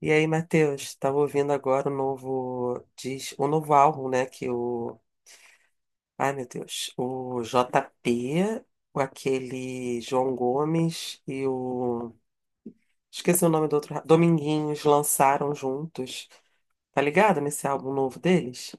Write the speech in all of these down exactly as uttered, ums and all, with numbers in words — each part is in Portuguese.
E aí, Matheus, tava ouvindo agora o novo, diz, o novo álbum, né? que o, ai meu Deus, o J P, o aquele João Gomes e o, esqueci o nome do outro, ra- Dominguinhos lançaram juntos. Tá ligado nesse álbum novo deles?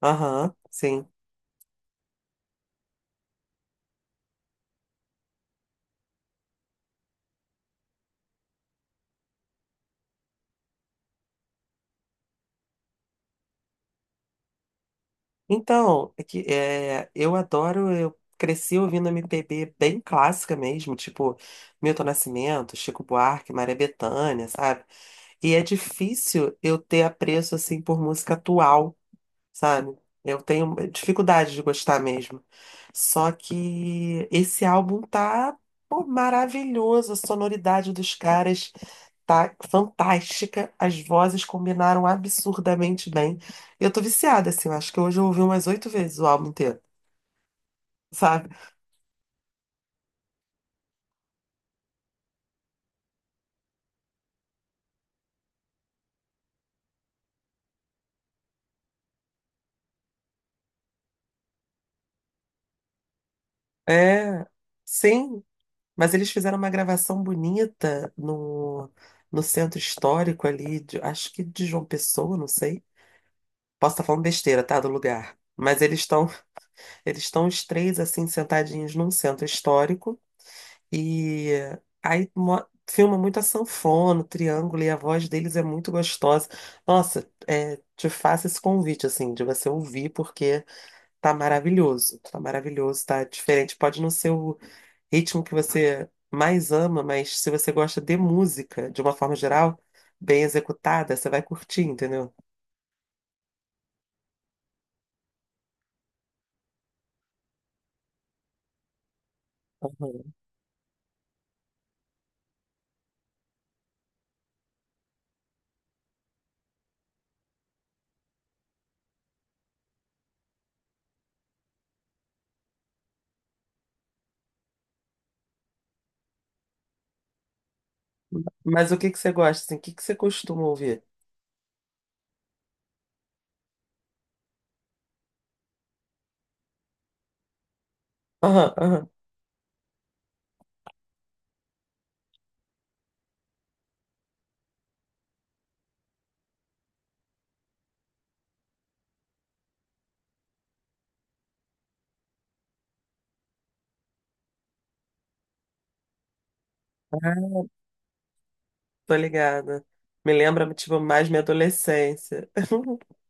Aham, sim. Então, é que, é, eu adoro, eu cresci ouvindo M P B bem clássica mesmo, tipo Milton Nascimento, Chico Buarque, Maria Bethânia, sabe? E é difícil eu ter apreço assim por música atual, sabe? Eu tenho dificuldade de gostar mesmo. Só que esse álbum tá, pô, maravilhoso, a sonoridade dos caras tá fantástica, as vozes combinaram absurdamente bem. Eu tô viciada assim, eu acho que hoje eu ouvi umas oito vezes o álbum inteiro, sabe? É, sim, mas eles fizeram uma gravação bonita no, no centro histórico ali, de- acho que de João Pessoa, não sei. Posso estar falando besteira, tá? Do lugar. Mas eles estão eles estão os três assim sentadinhos num centro histórico e aí mo- filma muito a sanfona, o triângulo e a voz deles é muito gostosa. Nossa, é, te faço esse convite assim de você ouvir porque tá maravilhoso, tá maravilhoso, tá diferente. Pode não ser o ritmo que você mais ama, mas se você gosta de música, de uma forma geral, bem executada, você vai curtir, entendeu? Aham. Mas o que que você gosta, assim? O que que você costuma ouvir? Aham, aham, tô ligada. Me lembra, tipo, mais minha adolescência.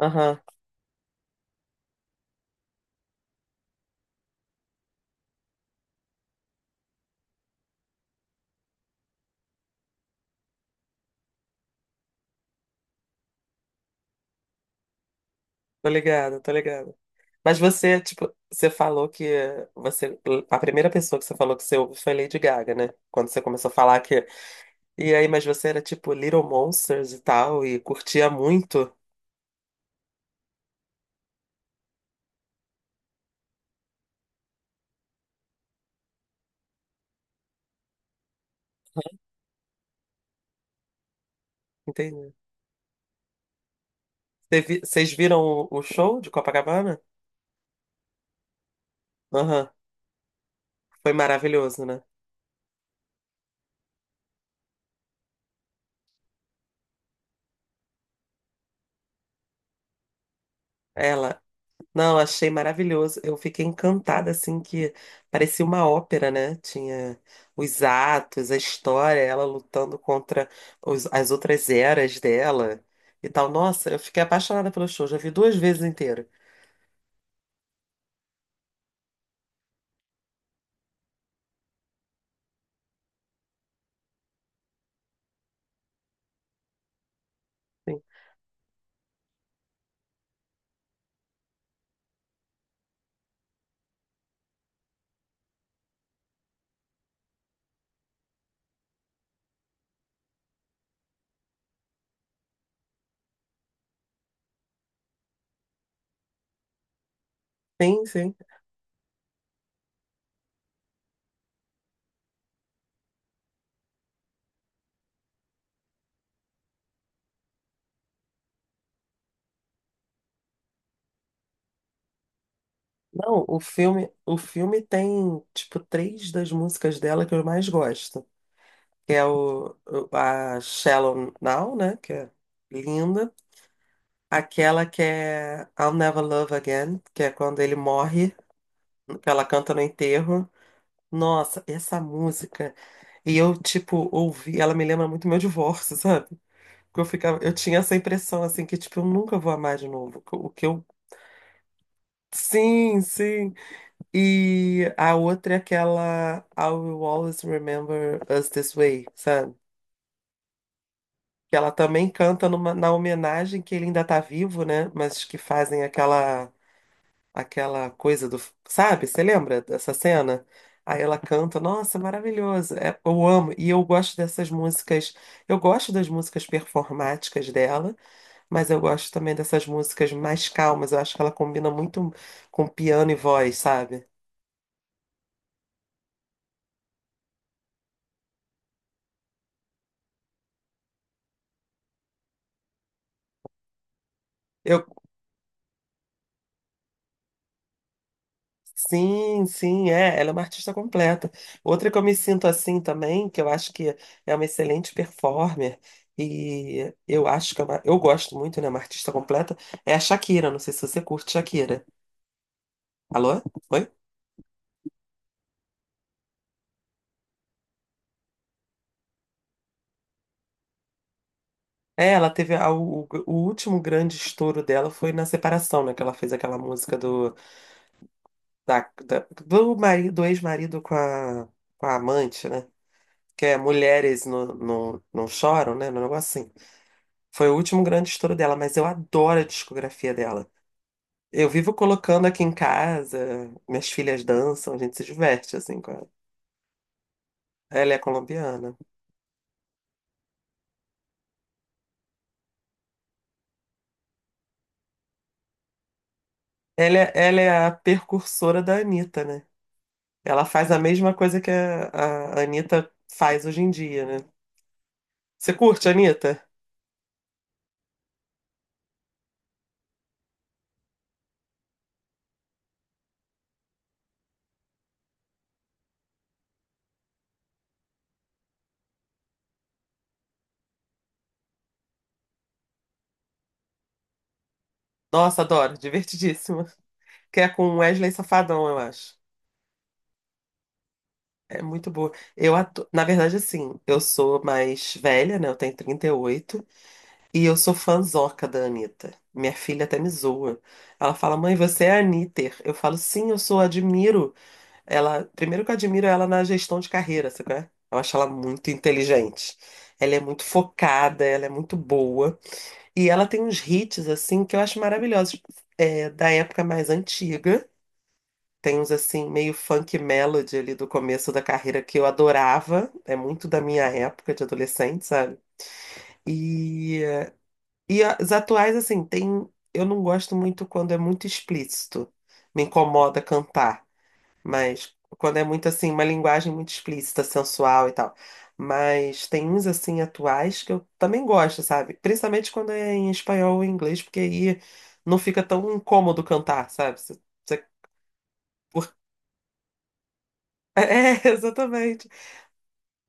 Aham, tô ligada, tô ligada. Mas você, tipo, você falou que você, a primeira pessoa que você falou que você ouve foi Lady Gaga, né? Quando você começou a falar que, e aí, mas você era tipo Little Monsters e tal, e curtia muito. Teve- Vocês viram o o show de Copacabana? Aham, foi maravilhoso, né? Ela, não, achei maravilhoso. Eu fiquei encantada, assim, que parecia uma ópera, né? Tinha os atos, a história, ela lutando contra os- as outras eras dela e tal. Nossa, eu fiquei apaixonada pelo show, já vi duas vezes inteiro. Sim, sim, sim. Não, o filme, o filme tem, tipo, três das músicas dela que eu mais gosto. Que é o, o- a Shallow Now, né? Que é linda. Aquela que é I'll Never Love Again, que é quando ele morre, que ela canta no enterro. Nossa, essa música. E eu, tipo, ouvi, ela me lembra muito meu divórcio, sabe? Porque eu ficava, eu tinha essa impressão, assim, que, tipo, eu nunca vou amar de novo. O que eu. Sim, sim. E a outra é aquela I Will Always Remember Us This Way, sabe? Que ela também canta numa- na homenagem que ele ainda tá vivo, né? Mas que fazem aquela aquela coisa do, sabe? Você lembra dessa cena? Aí ela canta, nossa, maravilhoso. É, eu amo e eu gosto dessas músicas. Eu gosto das músicas performáticas dela, mas eu gosto também dessas músicas mais calmas. Eu acho que ela combina muito com piano e voz, sabe? Eu sim, sim, é. Ela é uma artista completa. Outra que eu me sinto assim também, que eu acho que é uma excelente performer, e eu acho que é uma, eu gosto muito, né? Uma artista completa, é a Shakira. Não sei se você curte Shakira. Alô? Oi? É, ela teve a- o, o último grande estouro dela foi na separação, né? Que ela fez aquela música do, da, da- do, mari- do ex-marido com a, com a amante, né? Que é Mulheres não, não, não choram, né? Um negócio assim. Foi o último grande estouro dela, mas eu adoro a discografia dela. Eu vivo colocando aqui em casa, minhas filhas dançam, a gente se diverte assim com ela. Ela é colombiana. Ela é, ela é a precursora da Anitta, né? Ela faz a mesma coisa que a, a Anitta faz hoje em dia, né? Você curte, Anitta? Nossa, adoro, divertidíssima. Que é com Wesley Safadão, eu acho. É muito boa. Eu atu... Na verdade, assim, eu sou mais velha, né? Eu tenho trinta e oito. E oito. E eu sou fãzoca da Anitta. Minha filha até me zoa. Ela fala, mãe, você é a Anitter. Eu falo, sim, eu sou, admiro. Ela... Primeiro que eu admiro ela na gestão de carreira, sabe? Qual é? Eu acho ela muito inteligente. Ela é muito focada, ela é muito boa. E ela tem uns hits, assim, que eu acho maravilhosos. É, da época mais antiga. Tem uns assim, meio funk melody ali do começo da carreira que eu adorava. É muito da minha época de adolescente, sabe? E, e as atuais, assim, tem. Eu não gosto muito quando é muito explícito. Me incomoda cantar. Mas quando é muito assim, uma linguagem muito explícita, sensual e tal. Mas tem uns assim atuais que eu também gosto, sabe? Principalmente quando é em espanhol ou em inglês, porque aí não fica tão incômodo cantar, sabe? Você- você- É, exatamente.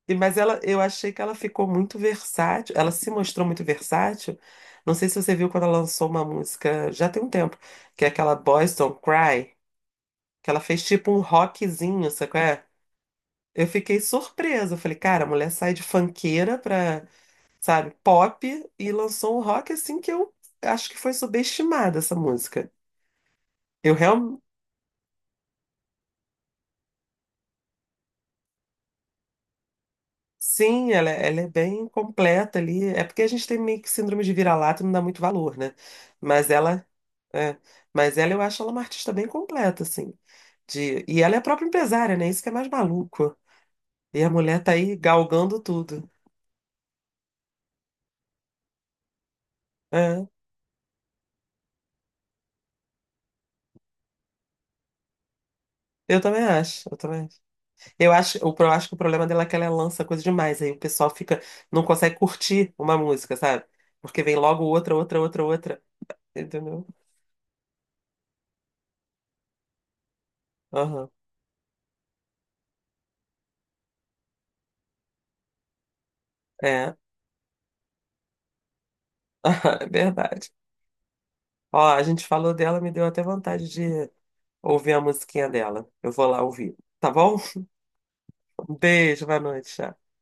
E- Mas ela, eu achei que ela ficou muito versátil, ela se mostrou muito versátil. Não sei se você viu quando ela lançou uma música, já tem um tempo, que é aquela Boys Don't Cry, que ela fez tipo um rockzinho, sabe qual é? Eu fiquei surpresa, eu falei, cara, a mulher sai de funkeira pra, sabe, pop e lançou um rock assim que eu acho que foi subestimada essa música. Eu realmente sim, ela, é, ela é bem completa ali. É porque a gente tem meio que síndrome de vira-lata e não dá muito valor, né? Mas ela, é, mas ela eu acho ela uma artista bem completa, assim. De, e ela é a própria empresária, né? Isso que é mais maluco. E a mulher tá aí galgando tudo. É, eu também acho, eu também acho. Eu acho, o pro- acho que o problema dela é que ela lança coisa demais, aí o pessoal fica, não consegue curtir uma música, sabe? Porque vem logo outra, outra, outra, outra, entendeu? Aham, é, é verdade. Ó, a gente falou dela, me deu até vontade de ouvir a musiquinha dela. Eu vou lá ouvir. Tá bom? Um beijo, boa noite. Tchau.